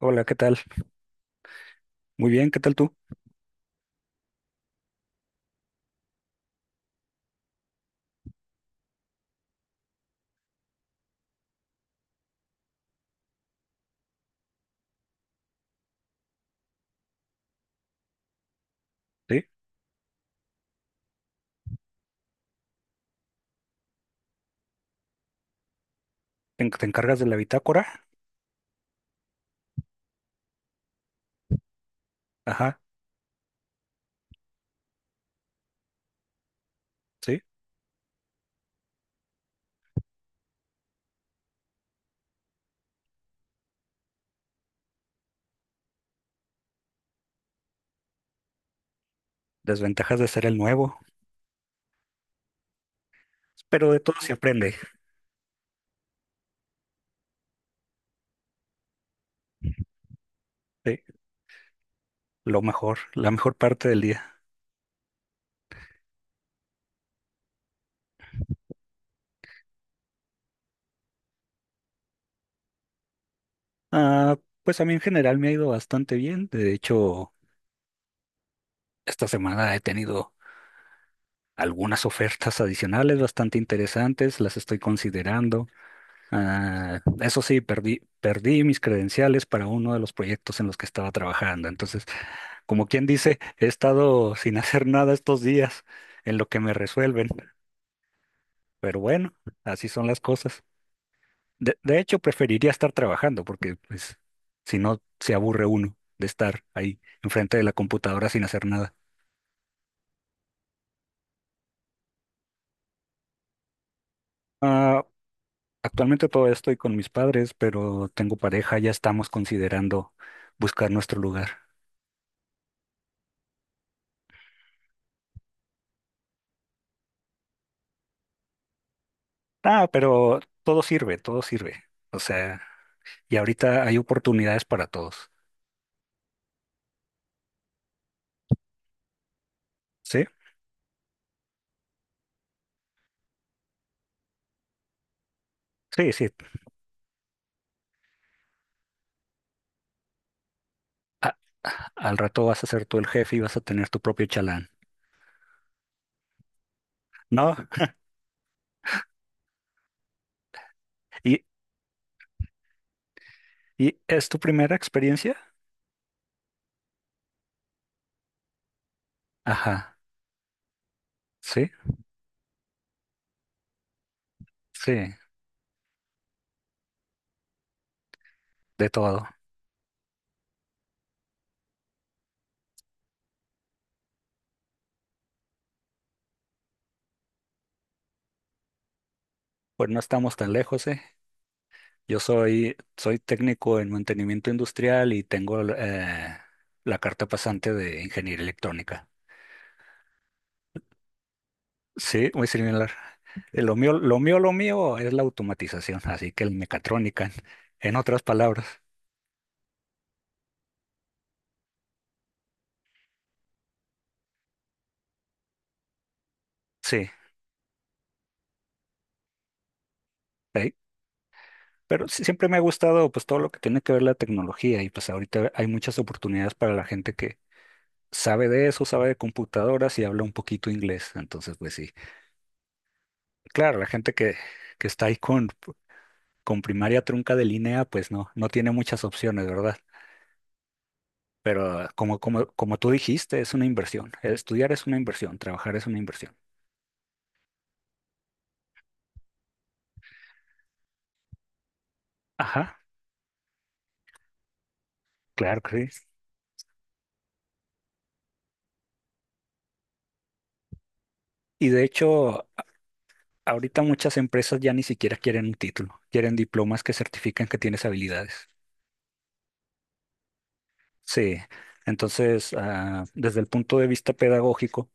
Hola, ¿qué tal? Muy bien, ¿qué tal tú? ¿Sí? ¿Te encargas de la bitácora? Ajá, sí. Desventajas de ser el nuevo. Pero de todo se aprende, ¿sí? Lo mejor, la mejor parte del día. Ah, pues a mí en general me ha ido bastante bien. De hecho, esta semana he tenido algunas ofertas adicionales bastante interesantes, las estoy considerando. Ah, eso sí, perdí mis credenciales para uno de los proyectos en los que estaba trabajando. Entonces, como quien dice, he estado sin hacer nada estos días en lo que me resuelven. Pero bueno, así son las cosas. De hecho, preferiría estar trabajando porque pues, si no, se aburre uno de estar ahí enfrente de la computadora sin hacer nada. Ah, actualmente todavía estoy con mis padres, pero tengo pareja, ya estamos considerando buscar nuestro lugar. Ah, pero todo sirve, todo sirve. O sea, y ahorita hay oportunidades para todos. ¿Sí? Sí, sí. A- al rato vas a ser tú el jefe y vas a tener tu propio chalán. ¿No? ¿Y, y es tu primera experiencia? Ajá. Sí, sí, de todo. Pues no estamos tan lejos, ¿eh? Yo soy técnico en mantenimiento industrial y tengo la carta pasante de ingeniería electrónica. Sí, muy similar. Lo mío es la automatización, así que el mecatrónica, en otras palabras. Sí, ahí. Pero sí, siempre me ha gustado pues todo lo que tiene que ver la tecnología y pues ahorita hay muchas oportunidades para la gente que sabe de eso, sabe de computadoras y habla un poquito inglés. Entonces, pues sí. Claro, la gente que está ahí con primaria trunca de línea, pues no tiene muchas opciones, ¿verdad? Pero como tú dijiste, es una inversión. Estudiar es una inversión, trabajar es una inversión. Ajá. Claro que sí. Y de hecho, ahorita muchas empresas ya ni siquiera quieren un título, quieren diplomas que certifican que tienes habilidades. Sí, entonces, desde el punto de vista pedagógico,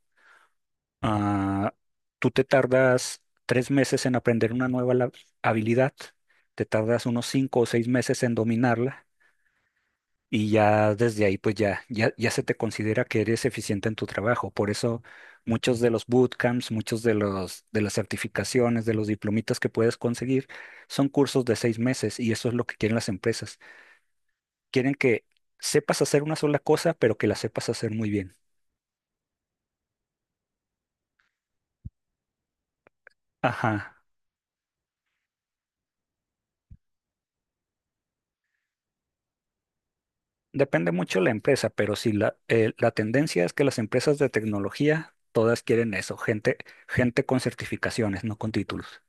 ah, tú te tardas 3 meses en aprender una nueva habilidad, te tardas unos 5 o 6 meses en dominarla y ya desde ahí pues ya se te considera que eres eficiente en tu trabajo. Por eso muchos de los bootcamps, de las certificaciones, de los diplomitas que puedes conseguir son cursos de 6 meses y eso es lo que quieren las empresas. Quieren que sepas hacer una sola cosa, pero que la sepas hacer muy bien. Ajá. Depende mucho la empresa, pero sí la tendencia es que las empresas de tecnología todas quieren eso, gente, gente con certificaciones, no con títulos.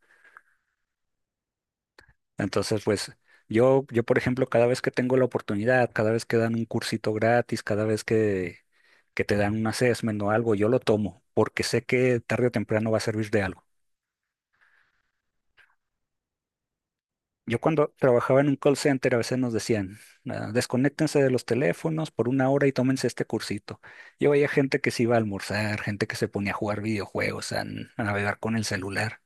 Entonces, pues yo, por ejemplo, cada vez que tengo la oportunidad, cada vez que dan un cursito gratis, cada vez que te dan un assessment o algo, yo lo tomo porque sé que tarde o temprano va a servir de algo. Yo cuando trabajaba en un call center a veces nos decían, "Ah, desconéctense de los teléfonos por una hora y tómense este cursito." Yo veía gente que se iba a almorzar, gente que se ponía a jugar videojuegos, a navegar con el celular.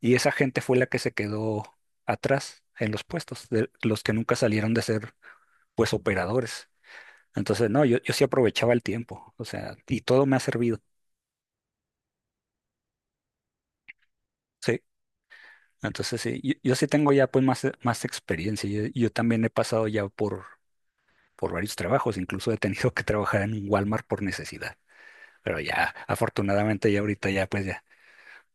Y esa gente fue la que se quedó atrás en los puestos, de los que nunca salieron de ser pues operadores. Entonces, no, yo sí aprovechaba el tiempo, o sea, y todo me ha servido, sí. Entonces, sí, yo sí tengo ya pues más experiencia. Yo también he pasado ya por varios trabajos, incluso he tenido que trabajar en un Walmart por necesidad, pero ya, afortunadamente ya ahorita ya pues ya,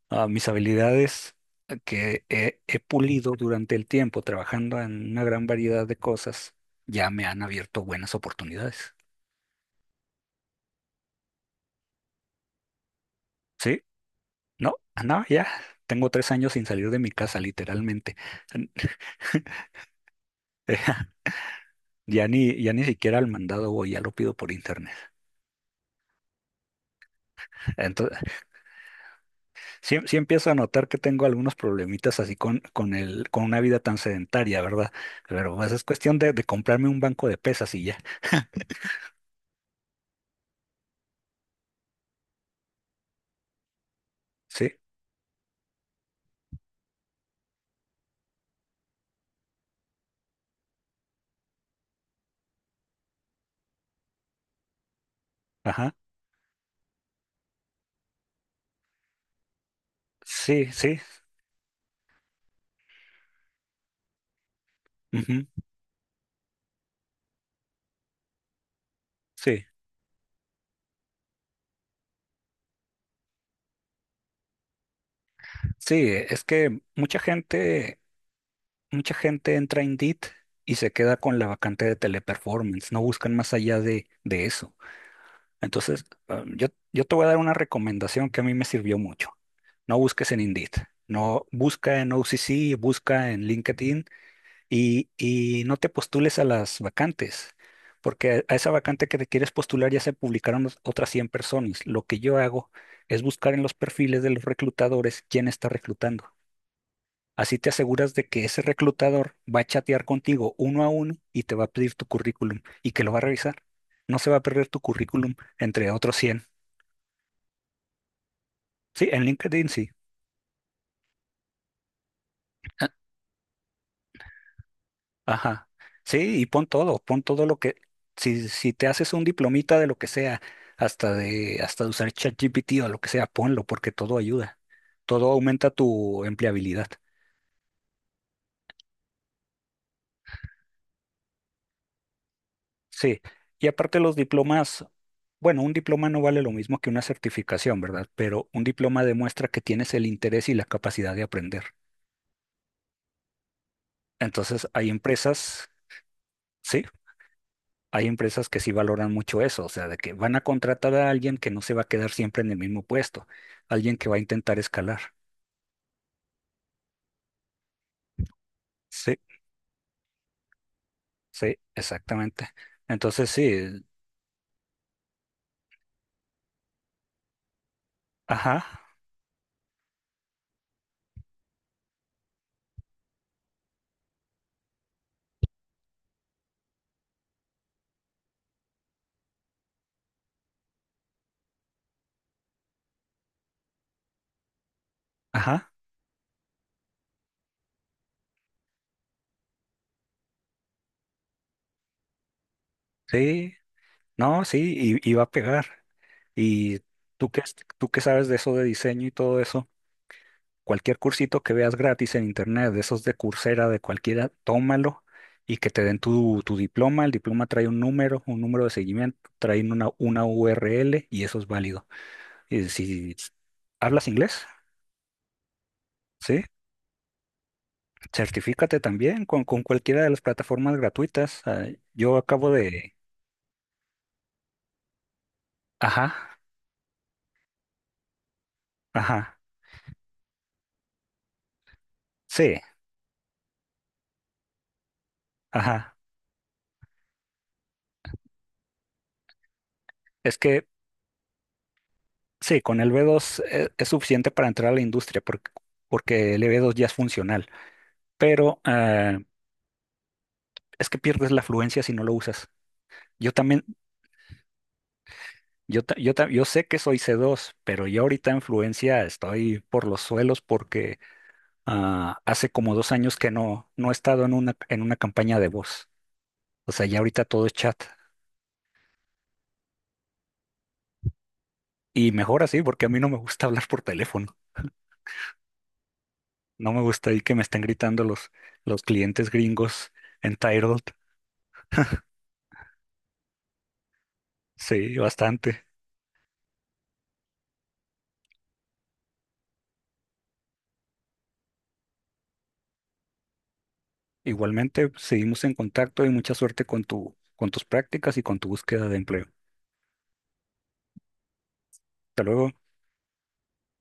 mis habilidades que he pulido durante el tiempo trabajando en una gran variedad de cosas, ya me han abierto buenas oportunidades. Sí, no, no, ya. Tengo 3 años sin salir de mi casa, literalmente. Eh, ya ni siquiera al mandado voy, ya lo pido por internet. Entonces, sí, sí empiezo a notar que tengo algunos problemitas así con una vida tan sedentaria, ¿verdad? Pero pues, es cuestión de comprarme un banco de pesas y ya. Sí, ajá. Sí, sí. Ujú. Sí, sí, es que mucha gente entra en Indeed y se queda con la vacante de teleperformance. No buscan más allá de eso. Entonces, yo te voy a dar una recomendación que a mí me sirvió mucho. No busques en Indeed, no busca en OCC, busca en LinkedIn y no te postules a las vacantes, porque a esa vacante que te quieres postular ya se publicaron otras 100 personas. Lo que yo hago es buscar en los perfiles de los reclutadores quién está reclutando. Así te aseguras de que ese reclutador va a chatear contigo uno a uno y te va a pedir tu currículum y que lo va a revisar. No se va a perder tu currículum entre otros 100. Sí, en LinkedIn sí. Ah. Ajá. Sí, y pon todo lo que, si te haces un diplomita de lo que sea, hasta de usar ChatGPT o lo que sea, ponlo, porque todo ayuda. Todo aumenta tu empleabilidad. Sí. Y aparte los diplomas, bueno, un diploma no vale lo mismo que una certificación, ¿verdad? Pero un diploma demuestra que tienes el interés y la capacidad de aprender. Entonces, hay empresas, sí, hay empresas que sí valoran mucho eso, o sea, de que van a contratar a alguien que no se va a quedar siempre en el mismo puesto, alguien que va a intentar escalar. Sí, sí, exactamente. Entonces sí, ajá, ajá, sí, no, sí, y va a pegar. Y tú que, tú que sabes de eso de diseño y todo eso, cualquier cursito que veas gratis en internet, de esos de Coursera, de cualquiera, tómalo. Y que te den tu diploma, el diploma trae un número, de seguimiento, trae una URL y eso es válido. Y si hablas inglés, sí, certifícate también con cualquiera de las plataformas gratuitas. Ah, yo acabo de... Ajá, ajá, sí, ajá. Es que sí, con el B2 es suficiente para entrar a la industria porque el E B2 ya es funcional, pero es que pierdes la fluencia si no lo usas. Yo también, yo sé que soy C2, pero yo ahorita en fluencia estoy por los suelos porque hace como 2 años que no he estado en una campaña de voz. O sea, ya ahorita todo es chat. Y mejor así, porque a mí no me gusta hablar por teléfono. No me gusta ahí que me estén gritando los clientes gringos entitled. Sí, bastante. Igualmente, seguimos en contacto y mucha suerte con tus prácticas y con tu búsqueda de empleo. Hasta luego.